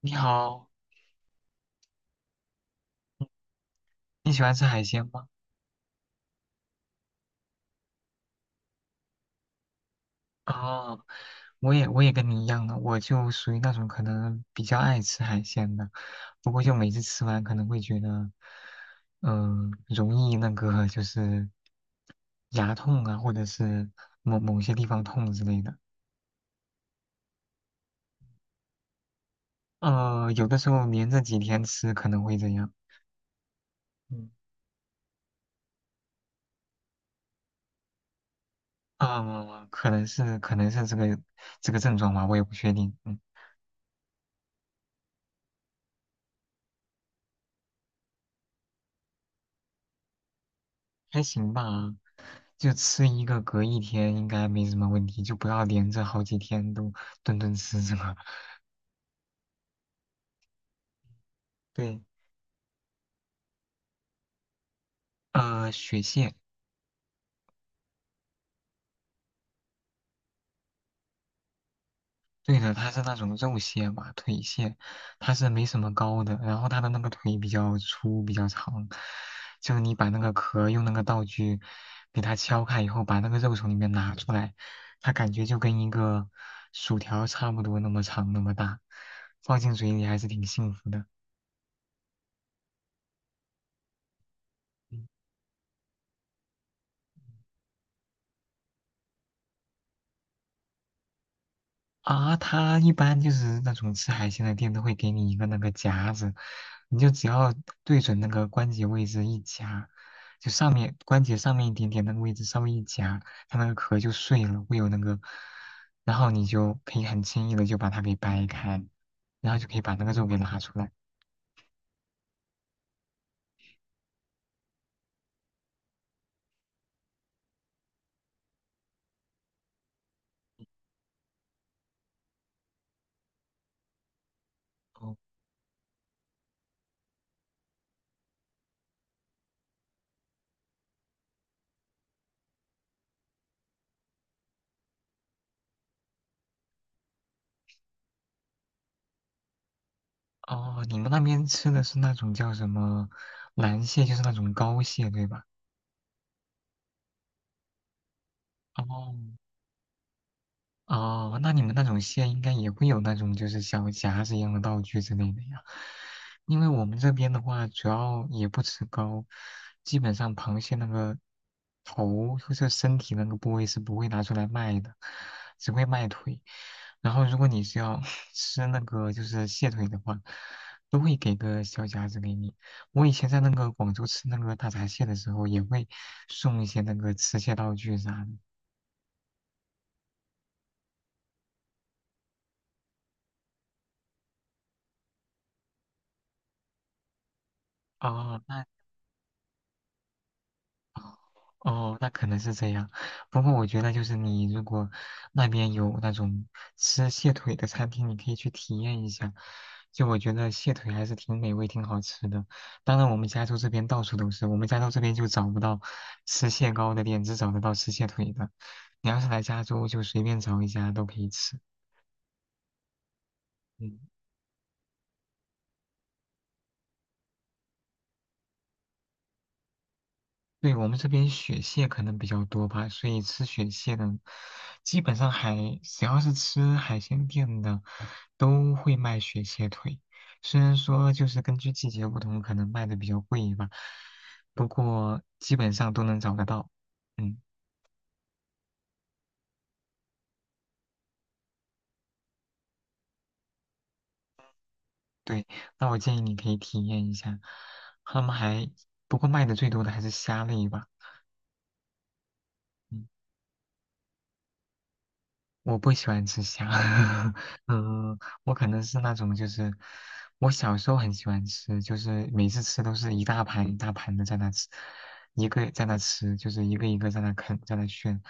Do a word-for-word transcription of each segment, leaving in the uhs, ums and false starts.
你好，你喜欢吃海鲜吗？啊、我也我也跟你一样的，我就属于那种可能比较爱吃海鲜的，不过就每次吃完可能会觉得，嗯、容易那个就是牙痛啊，或者是某某些地方痛之类的。嗯，有的时候连着几天吃可能会这样。嗯，啊、可能是可能是这个这个症状吧，我也不确定。嗯。还行吧，就吃一个隔一天应该没什么问题，就不要连着好几天都顿顿吃这个。对，呃，雪蟹。对的，它是那种肉蟹嘛，腿蟹，它是没什么膏的，然后它的那个腿比较粗，比较长，就是你把那个壳用那个道具给它敲开以后，把那个肉从里面拿出来，它感觉就跟一个薯条差不多那么长那么大，放进嘴里还是挺幸福的。啊，它一般就是那种吃海鲜的店都会给你一个那个夹子，你就只要对准那个关节位置一夹，就上面关节上面一点点那个位置稍微一夹，它那个壳就碎了，会有那个，然后你就可以很轻易的就把它给掰开，然后就可以把那个肉给拿出来。哦。哦，你们那边吃的是那种叫什么蓝蟹，就是那种膏蟹，对吧？哦。哦，那你们那种蟹应该也会有那种就是小夹子一样的道具之类的呀，因为我们这边的话，主要也不吃膏，基本上螃蟹那个头或者身体那个部位是不会拿出来卖的，只会卖腿。然后如果你是要 吃那个就是蟹腿的话，都会给个小夹子给你。我以前在那个广州吃那个大闸蟹的时候，也会送一些那个吃蟹道具啥的。哦，那哦，那可能是这样。不过我觉得，就是你如果那边有那种吃蟹腿的餐厅，你可以去体验一下。就我觉得蟹腿还是挺美味、挺好吃的。当然，我们加州这边到处都是，我们加州这边就找不到吃蟹膏的店，只找得到吃蟹腿的。你要是来加州，就随便找一家都可以吃。嗯。对，我们这边雪蟹可能比较多吧，所以吃雪蟹的，基本上海，只要是吃海鲜店的，都会卖雪蟹腿。虽然说就是根据季节不同，可能卖的比较贵吧，不过基本上都能找得到。嗯。对，那我建议你可以体验一下。他们还，不过卖的最多的还是虾类吧。嗯我不喜欢吃虾。嗯，我可能是那种就是，我小时候很喜欢吃，就是每次吃都是一大盘一大盘的在那吃，一个在那吃，就是一个一个在那啃，在那炫，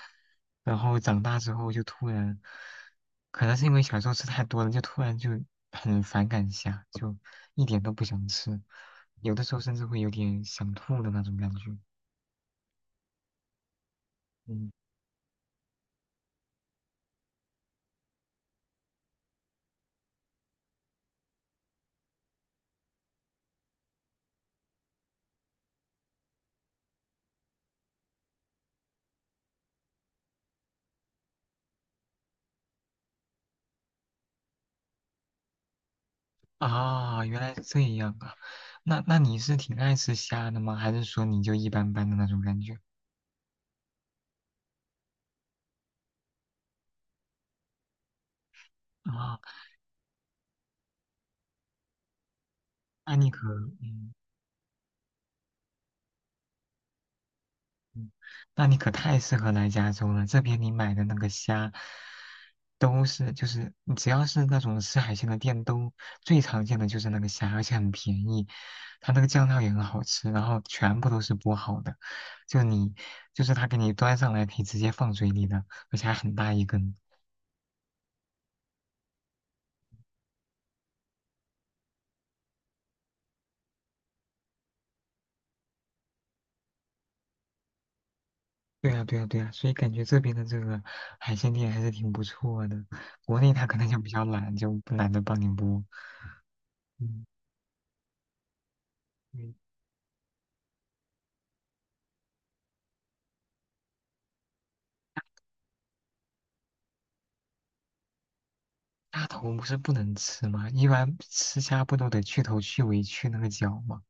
然后长大之后就突然，可能是因为小时候吃太多了，就突然就很反感虾，就一点都不想吃，有的时候甚至会有点想吐的那种感觉。嗯。啊，原来是这样啊。那那你是挺爱吃虾的吗？还是说你就一般般的那种感觉？啊，那你可，嗯嗯，那你可太适合来加州了。这边你买的那个虾，都是就是你只要是那种吃海鲜的店，都最常见的就是那个虾，而且很便宜。它那个酱料也很好吃，然后全部都是剥好的，就你就是他给你端上来可以直接放嘴里的，而且还很大一根。对呀，对呀，对呀，所以感觉这边的这个海鲜店还是挺不错的。国内他可能就比较懒，就不懒得帮你剥。嗯，对，大头不是不能吃吗？一般吃虾不都得去头、去尾、去那个脚吗？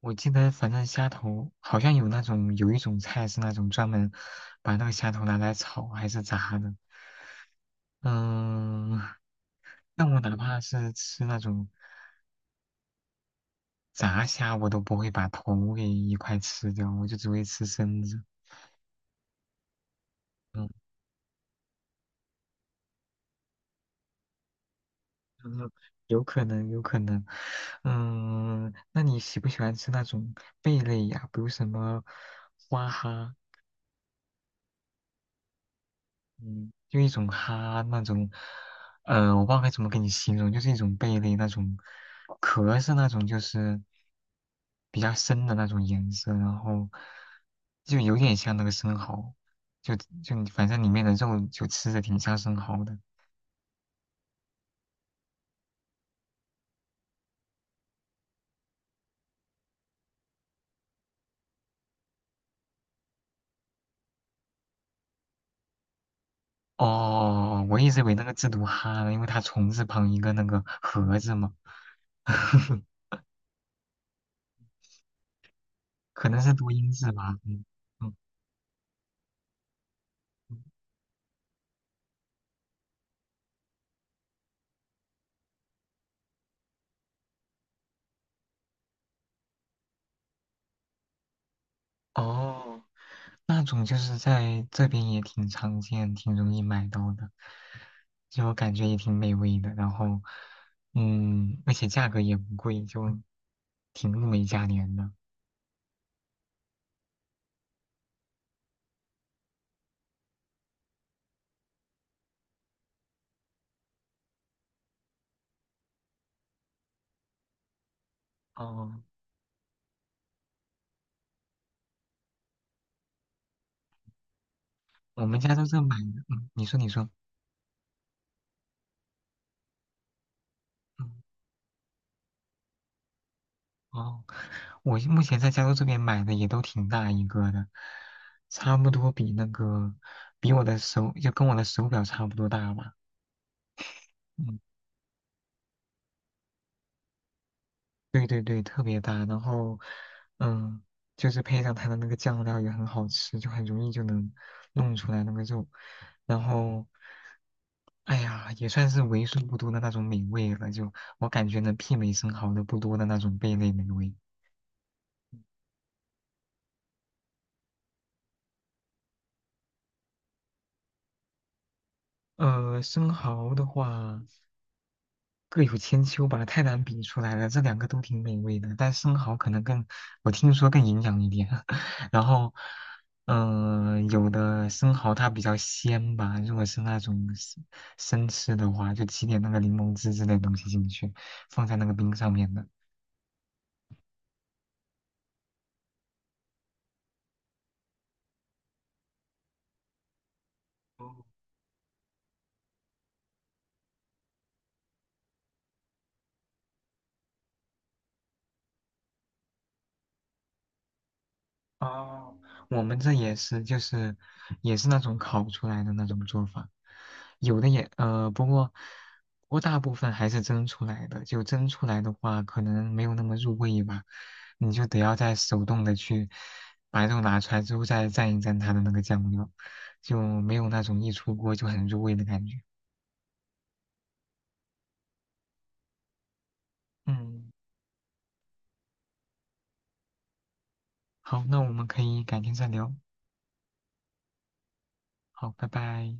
我记得反正虾头好像有那种有一种菜是那种专门把那个虾头拿来炒还是炸的。嗯，但我哪怕是吃那种炸虾，我都不会把头给一块吃掉，我就只会吃身子。嗯嗯，有可能，有可能。嗯，那你喜不喜欢吃那种贝类呀？比如什么花蛤，嗯，就一种蛤那种，呃，我不知道该怎么给你形容，就是一种贝类那种，壳是那种就是比较深的那种颜色，然后就有点像那个生蚝，就就反正里面的肉就吃着挺像生蚝的。哦，我一直以为那个字读"哈呢，因为它虫字旁一个那个盒子嘛。呵呵，可能是多音字吧。嗯。嗯，哦，那种就是在这边也挺常见，挺容易买到的，就感觉也挺美味的。然后，嗯，而且价格也不贵，就挺物美价廉的。哦，我们家州这买的，嗯，你说你说，嗯，哦，我目前在加州这边买的也都挺大一个的，差不多比那个比我的手就跟我的手表差不多大吧。嗯。对对对，特别大，然后，嗯，就是配上它的那个酱料也很好吃，就很容易就能弄出来那个肉，然后，哎呀，也算是为数不多的那种美味了，就我感觉能媲美生蚝的不多的那种贝类美味。呃，生蚝的话，各有千秋吧，太难比出来了。这两个都挺美味的，但生蚝可能更，我听说更营养一点。然后，嗯、有的生蚝它比较鲜吧，如果是那种生生吃的话，就挤点那个柠檬汁之类的东西进去，放在那个冰上面的。哦。哦，我们这也是，就是也是那种烤出来的那种做法，有的也呃，不过不过大部分还是蒸出来的，就蒸出来的话，可能没有那么入味吧，你就得要再手动的去把肉拿出来之后再蘸一蘸它的那个酱料，就没有那种一出锅就很入味的感觉。嗯，好，那我们可以改天再聊。好，拜拜。